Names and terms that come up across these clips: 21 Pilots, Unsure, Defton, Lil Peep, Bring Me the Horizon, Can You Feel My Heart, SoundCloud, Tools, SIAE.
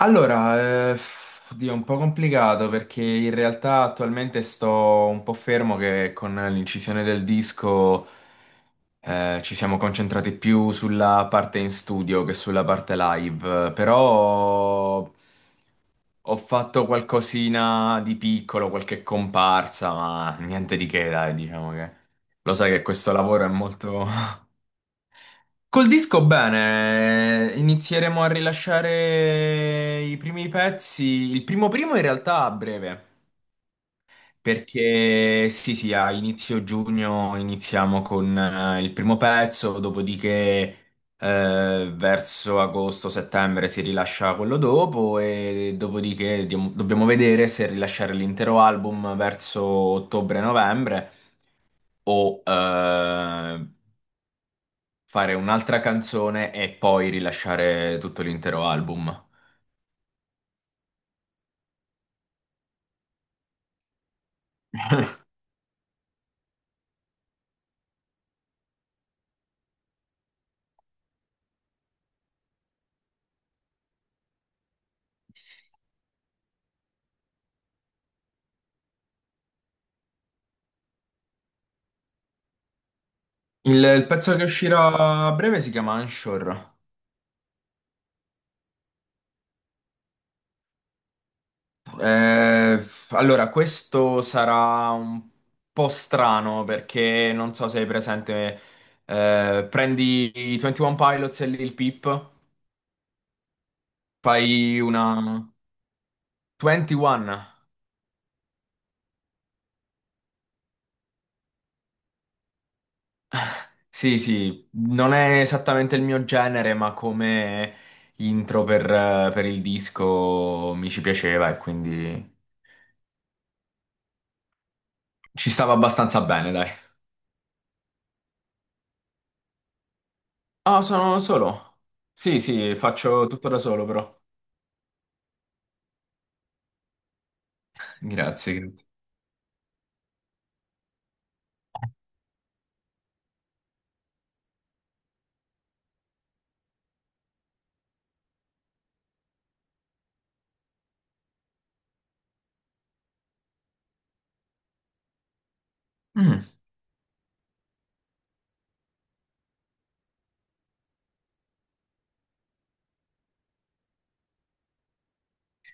Allora, eh, oddio, è un po' complicato perché in realtà attualmente sto un po' fermo che con l'incisione del disco ci siamo concentrati più sulla parte in studio che sulla parte live, però ho fatto qualcosina di piccolo, qualche comparsa, ma niente di che, dai, diciamo che lo sai che questo lavoro è molto, Col disco bene, inizieremo a rilasciare i primi pezzi, il primo primo in realtà a breve, perché sì sì, a inizio giugno iniziamo con il primo pezzo, dopodiché verso agosto-settembre si rilascia quello dopo e dopodiché dobbiamo vedere se rilasciare l'intero album verso ottobre-novembre o fare un'altra canzone e poi rilasciare tutto l'intero album. Il pezzo che uscirà a breve si chiama Unsure. Eh, allora, questo sarà un po' strano perché non so se hai presente. Prendi i 21 Pilots e Lil Peep, fai una 21. Sì, sì, non è esattamente il mio genere, ma come intro per il disco mi ci piaceva e quindi. Ci stava abbastanza bene, dai. Ah, sono solo. Sì, sì, faccio tutto da solo, però. Grazie, grazie. Mm.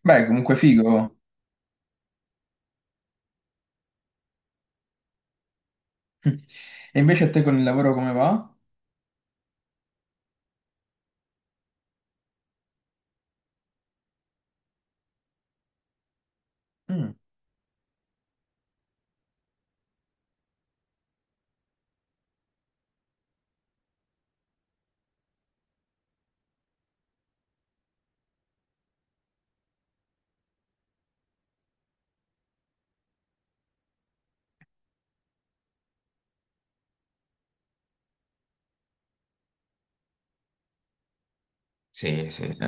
Beh, comunque figo. E invece a te con il lavoro come va? Mm. Sì, sì, sì.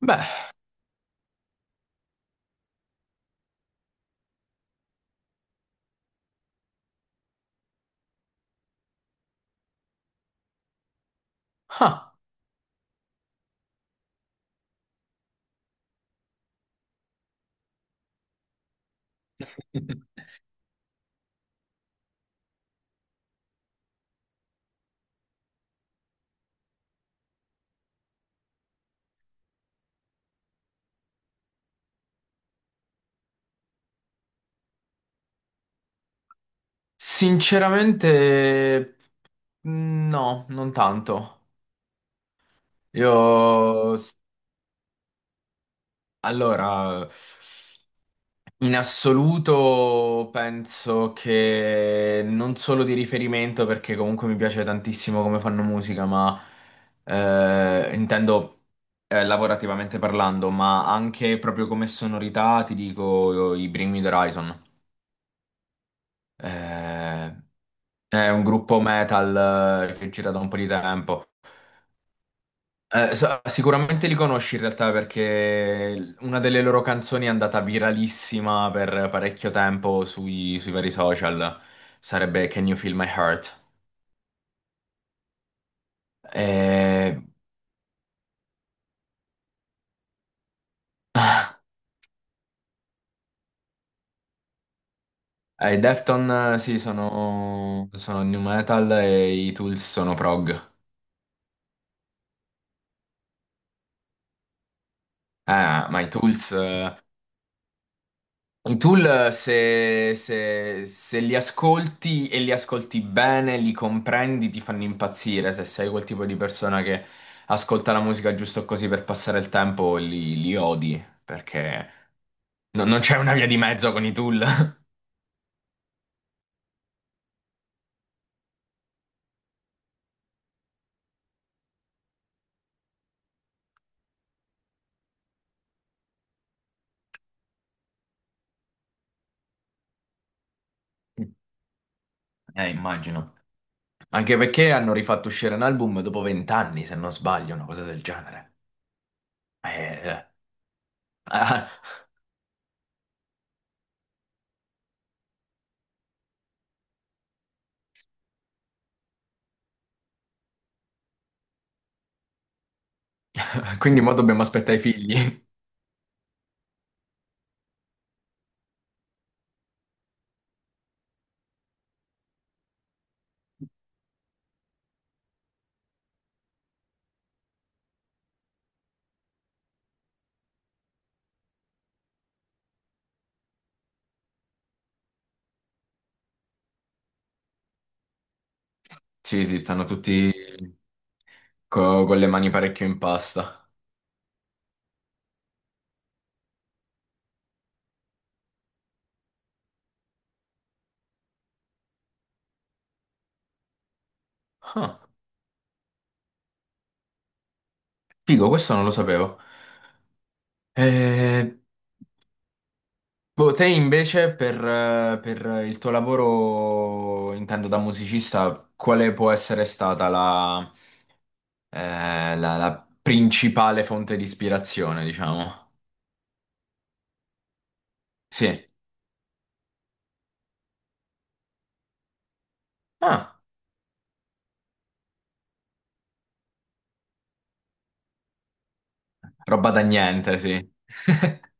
Beh, ah, sinceramente, mm, no, non tanto. Io, s- allora. In assoluto penso che non solo di riferimento, perché comunque mi piace tantissimo come fanno musica, ma intendo lavorativamente parlando, ma anche proprio come sonorità ti dico i Bring Me the Horizon. Eh, è un gruppo metal che gira da un po' di tempo. Sicuramente li conosci in realtà perché una delle loro canzoni è andata viralissima per parecchio tempo sui vari social. Sarebbe Can You Feel My Heart? E, e i Defton, sì, sono new metal e i Tools sono prog. Ma i Tools. I tool, se li ascolti e li ascolti bene, li comprendi, ti fanno impazzire. Se sei quel tipo di persona che ascolta la musica giusto così per passare il tempo, li odi, perché non c'è una via di mezzo con i tool. Immagino. Anche perché hanno rifatto uscire un album dopo vent'anni, se non sbaglio, una cosa del genere. Eh. Ah, quindi mo dobbiamo aspettare i figli. Sì, sì, stanno tutti con le mani parecchio in pasta. Ah, figo, questo non lo sapevo. Eh, Boh, te invece per il tuo lavoro, intendo da musicista, quale può essere stata la principale fonte di ispirazione, diciamo? Sì. Ah, roba da niente, sì.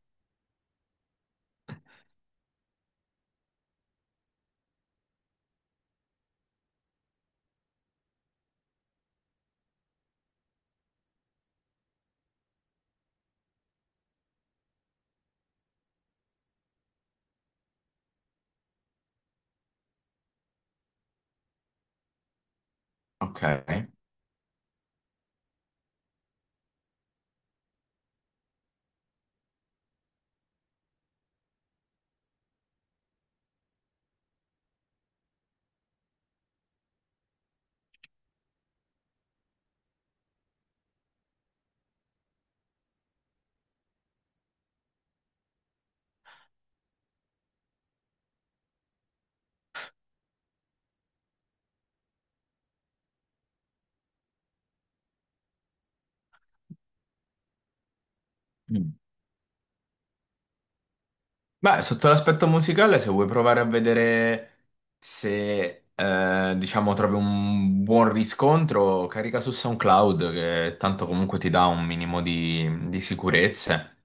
Ok. Mm. Beh, sotto l'aspetto musicale, se vuoi provare a vedere se, diciamo, trovi un buon riscontro, carica su SoundCloud, che tanto comunque ti dà un minimo di sicurezze.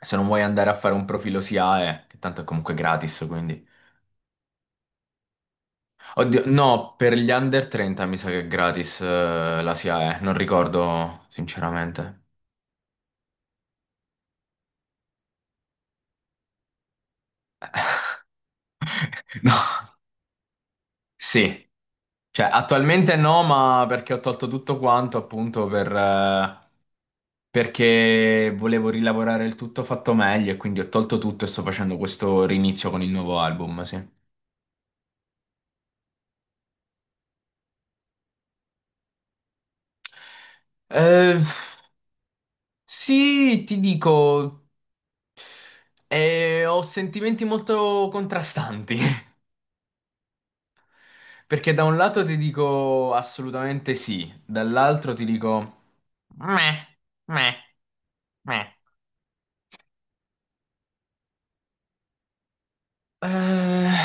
Se non vuoi andare a fare un profilo SIAE, che tanto è comunque gratis, quindi... Oddio, no, per gli under 30 mi sa che è gratis, la SIAE, non ricordo sinceramente. No, sì, cioè attualmente no, ma perché ho tolto tutto quanto appunto per... perché volevo rilavorare il tutto fatto meglio e quindi ho tolto tutto e sto facendo questo rinizio con il nuovo album, sì. Eh, sì, ti dico, ho sentimenti molto contrastanti, perché da un lato ti dico assolutamente sì, dall'altro ti dico meh, meh, meh. Eh,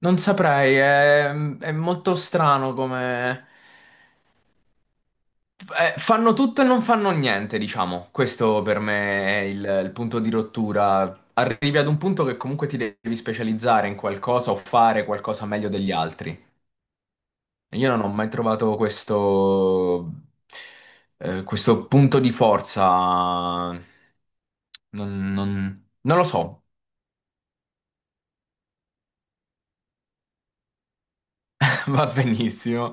Non saprei, è molto strano come... Fanno tutto e non fanno niente, diciamo. Questo per me è il punto di rottura. Arrivi ad un punto che comunque ti devi specializzare in qualcosa o fare qualcosa meglio degli altri. E io non ho mai trovato questo, questo punto di forza. Non lo so, va benissimo.